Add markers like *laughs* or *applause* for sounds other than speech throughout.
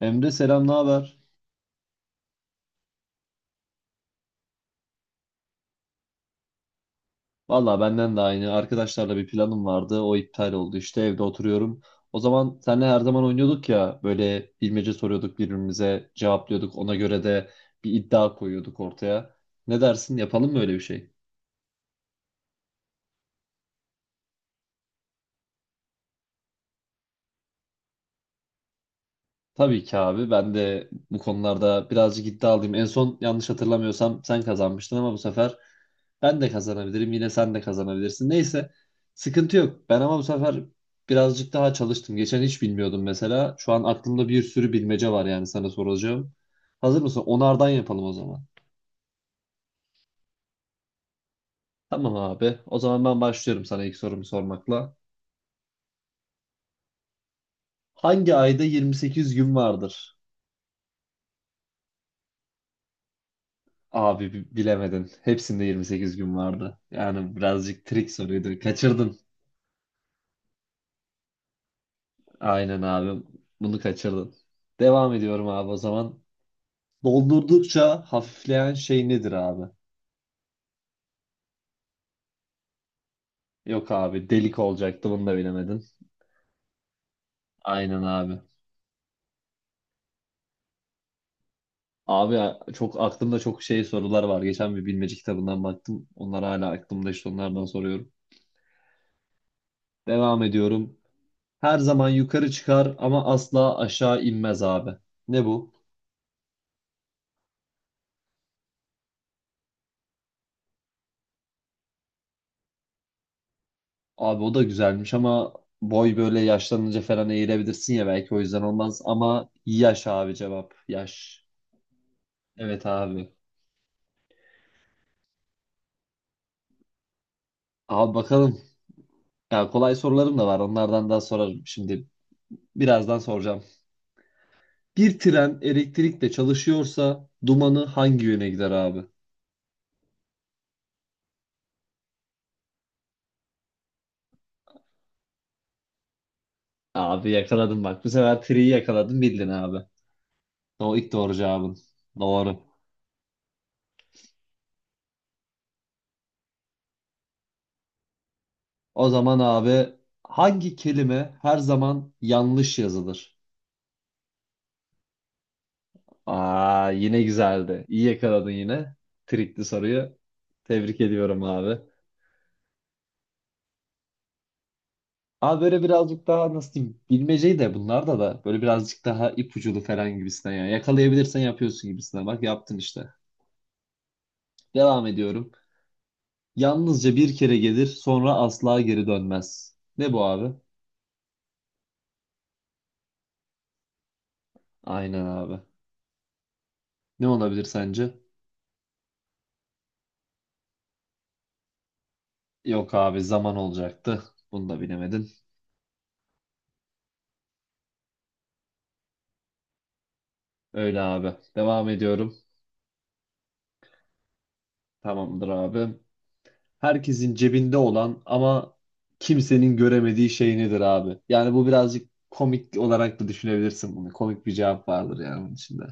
Emre selam, ne haber? Valla benden de aynı. Arkadaşlarla bir planım vardı. O iptal oldu. İşte evde oturuyorum. O zaman seninle her zaman oynuyorduk ya. Böyle bilmece soruyorduk birbirimize, cevaplıyorduk. Ona göre de bir iddia koyuyorduk ortaya. Ne dersin? Yapalım mı öyle bir şey? Tabii ki abi. Ben de bu konularda birazcık iddialıyım. En son yanlış hatırlamıyorsam sen kazanmıştın ama bu sefer ben de kazanabilirim. Yine sen de kazanabilirsin. Neyse sıkıntı yok. Ben ama bu sefer birazcık daha çalıştım. Geçen hiç bilmiyordum mesela. Şu an aklımda bir sürü bilmece var yani sana soracağım. Hazır mısın? Onardan yapalım o zaman. Tamam abi. O zaman ben başlıyorum sana ilk sorumu sormakla. Hangi ayda 28 gün vardır? Abi bilemedin. Hepsinde 28 gün vardı. Yani birazcık trik soruydu. Kaçırdın. Aynen abi. Bunu kaçırdın. Devam ediyorum abi o zaman. Doldurdukça hafifleyen şey nedir abi? Yok abi delik olacaktı bunu da bilemedin. Aynen abi. Abi çok aklımda çok şey sorular var. Geçen bir bilmece kitabından baktım. Onlar hala aklımda işte onlardan soruyorum. Devam ediyorum. Her zaman yukarı çıkar ama asla aşağı inmez abi. Ne bu? Abi o da güzelmiş ama boy böyle yaşlanınca falan eğilebilirsin ya belki o yüzden olmaz ama yaş abi cevap yaş. Evet abi. Abi bakalım. Ya kolay sorularım da var. Onlardan daha sorarım şimdi. Birazdan soracağım. Bir tren elektrikle çalışıyorsa dumanı hangi yöne gider abi? Abi yakaladın bak. Bu sefer triyi yakaladın bildin abi. O ilk doğru cevabın. Doğru. O zaman abi hangi kelime her zaman yanlış yazılır? Aa, yine güzeldi. İyi yakaladın yine. Trikli soruyu. Tebrik ediyorum abi. Abi böyle birazcık daha nasıl diyeyim bilmeceyi de bunlarda da böyle birazcık daha ipuculu falan gibisinden yani yakalayabilirsen yapıyorsun gibisinden bak yaptın işte. Devam ediyorum. Yalnızca bir kere gelir sonra asla geri dönmez. Ne bu abi? Aynen abi. Ne olabilir sence? Yok abi zaman olacaktı. Bunu da bilemedin. Öyle abi. Devam ediyorum. Tamamdır abi. Herkesin cebinde olan ama kimsenin göremediği şey nedir abi? Yani bu birazcık komik olarak da düşünebilirsin bunu. Komik bir cevap vardır yani bunun içinde.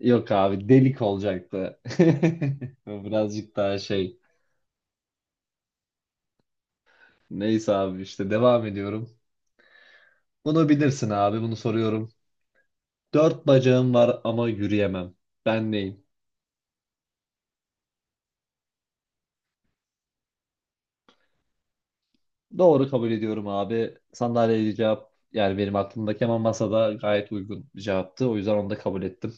Yok abi delik olacaktı. *laughs* Birazcık daha şey. Neyse abi işte devam ediyorum. Bunu bilirsin abi bunu soruyorum. Dört bacağım var ama yürüyemem. Ben neyim? Doğru kabul ediyorum abi. Sandalyeli cevap yani benim aklımdaki ama masada gayet uygun bir cevaptı. O yüzden onu da kabul ettim.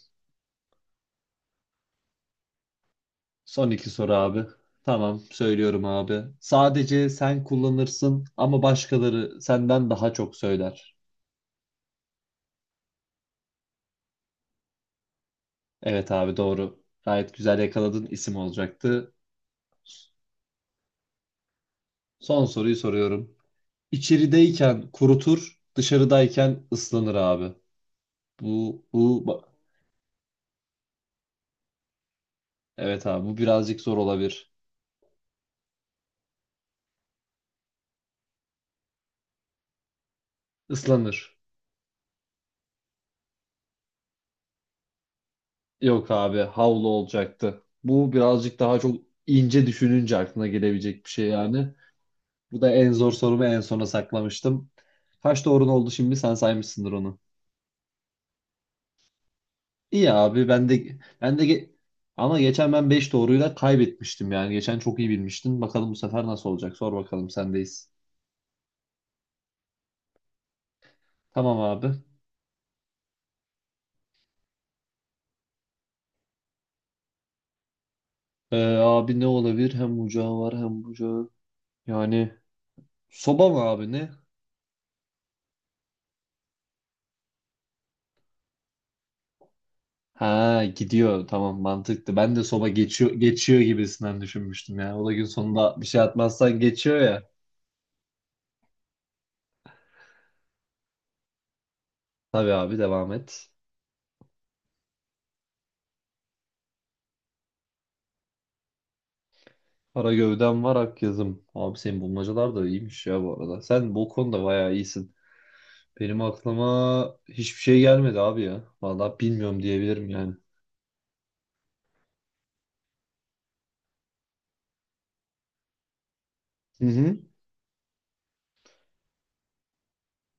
Son iki soru abi. Tamam, söylüyorum abi. Sadece sen kullanırsın ama başkaları senden daha çok söyler. Evet abi doğru. Gayet güzel yakaladın isim olacaktı. Son soruyu soruyorum. İçerideyken kurutur, dışarıdayken ıslanır abi. Bu, bu, ba- evet abi bu birazcık zor olabilir. Islanır. Yok abi havlu olacaktı. Bu birazcık daha çok ince düşününce aklına gelebilecek bir şey yani. Bu da en zor sorumu en sona saklamıştım. Kaç doğrun oldu şimdi? Sen saymışsındır onu. İyi abi ben de ama geçen ben 5 doğruyla kaybetmiştim yani. Geçen çok iyi bilmiştin. Bakalım bu sefer nasıl olacak? Sor bakalım sendeyiz. Tamam abi. Abi ne olabilir? Hem ocağı var hem bucağı. Yani soba mı abi ne? Ha gidiyor tamam mantıklı. Ben de soba geçiyor gibisinden düşünmüştüm ya. O da gün sonunda bir şey atmazsan geçiyor ya. Tabii abi devam et. Kara gövdem var ak yazım. Abi senin bulmacalar da iyiymiş ya bu arada. Sen bu konuda bayağı iyisin. Benim aklıma hiçbir şey gelmedi abi ya. Vallahi bilmiyorum diyebilirim yani. Hı hı.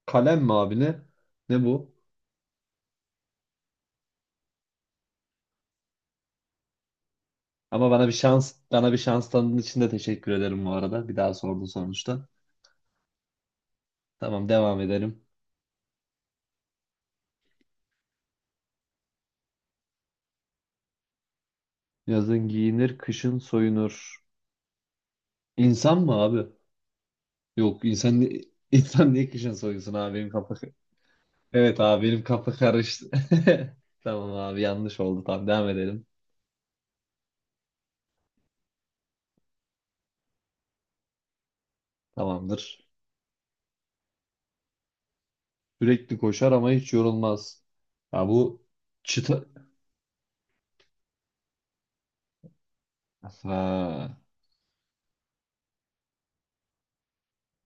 Kalem mi abi ne? Ne bu? Ama bana bir şans tanıdığın için de teşekkür ederim bu arada. Bir daha sordun sonuçta. Tamam devam edelim. Yazın giyinir, kışın soyunur. İnsan mı abi? Yok insan *laughs* insan niye kışın soyunsun abi benim kafa. Evet abi benim kafa karıştı. *laughs* Tamam abi yanlış oldu. Tamam devam edelim. Tamamdır. Sürekli koşar ama hiç yorulmaz. Ya bu çıta... Ha,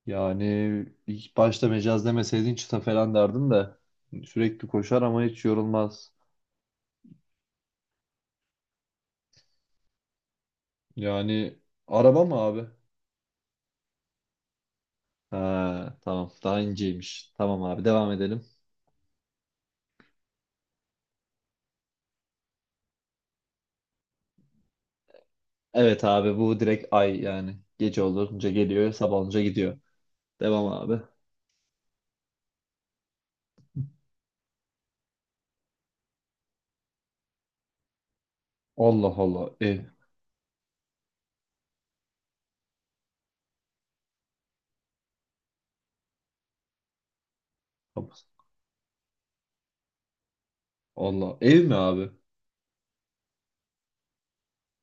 yani ilk başta mecaz demeseydin çıta falan derdim de. Sürekli koşar ama hiç yorulmaz. Yani araba mı abi? Ha, tamam daha inceymiş. Tamam abi devam edelim. Evet abi bu direkt ay yani. Gece olunca geliyor sabah olunca gidiyor. Devam abi. Allah Allah. Allah. Ev mi abi?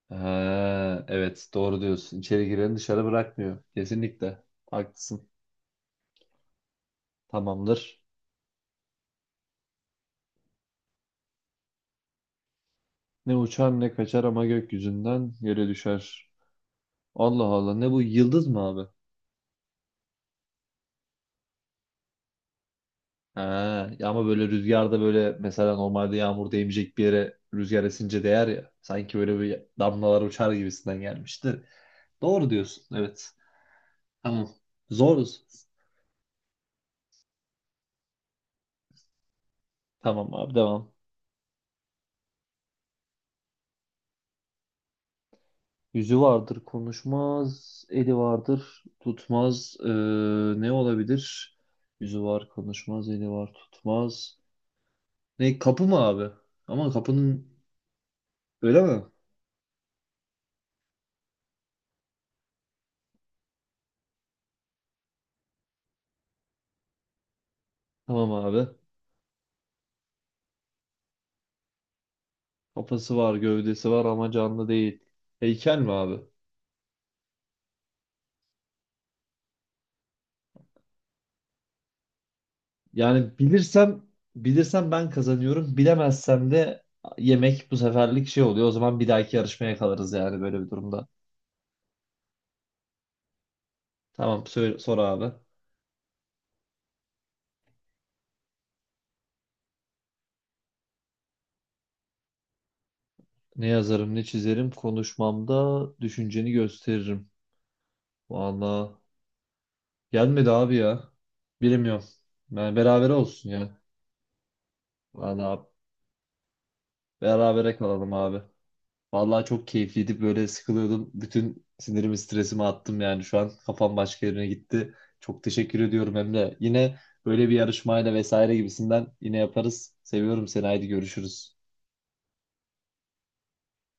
Ha, evet doğru diyorsun. İçeri gireni dışarı bırakmıyor. Kesinlikle. Haklısın. Tamamdır. Ne uçar ne kaçar ama gökyüzünden yere düşer. Allah Allah ne bu yıldız mı abi? Ha, ya ama böyle rüzgarda böyle mesela normalde yağmur değmeyecek bir yere rüzgar esince değer ya. Sanki böyle bir damlalar uçar gibisinden gelmişti. Doğru diyorsun evet. Tamam. Zoruz. Tamam abi devam. Yüzü vardır konuşmaz, eli vardır tutmaz. Ne olabilir? Yüzü var konuşmaz, eli var tutmaz. Ne kapı mı abi? Ama kapının öyle mi? Tamam abi. Kafası var, gövdesi var ama canlı değil. Heykel mi abi? Yani bilirsem ben kazanıyorum. Bilemezsem de yemek bu seferlik şey oluyor. O zaman bir dahaki yarışmaya kalırız yani böyle bir durumda. Tamam söyle, sor abi. Ne yazarım ne çizerim konuşmamda düşünceni gösteririm. Valla gelmedi abi ya. Bilmiyorum. Yani berabere olsun ya. Valla berabere kalalım abi. Valla çok keyifliydi böyle sıkılıyordum. Bütün sinirimi stresimi attım yani şu an kafam başka yerine gitti. Çok teşekkür ediyorum Emre. Yine böyle bir yarışmayla vesaire gibisinden yine yaparız. Seviyorum seni haydi görüşürüz.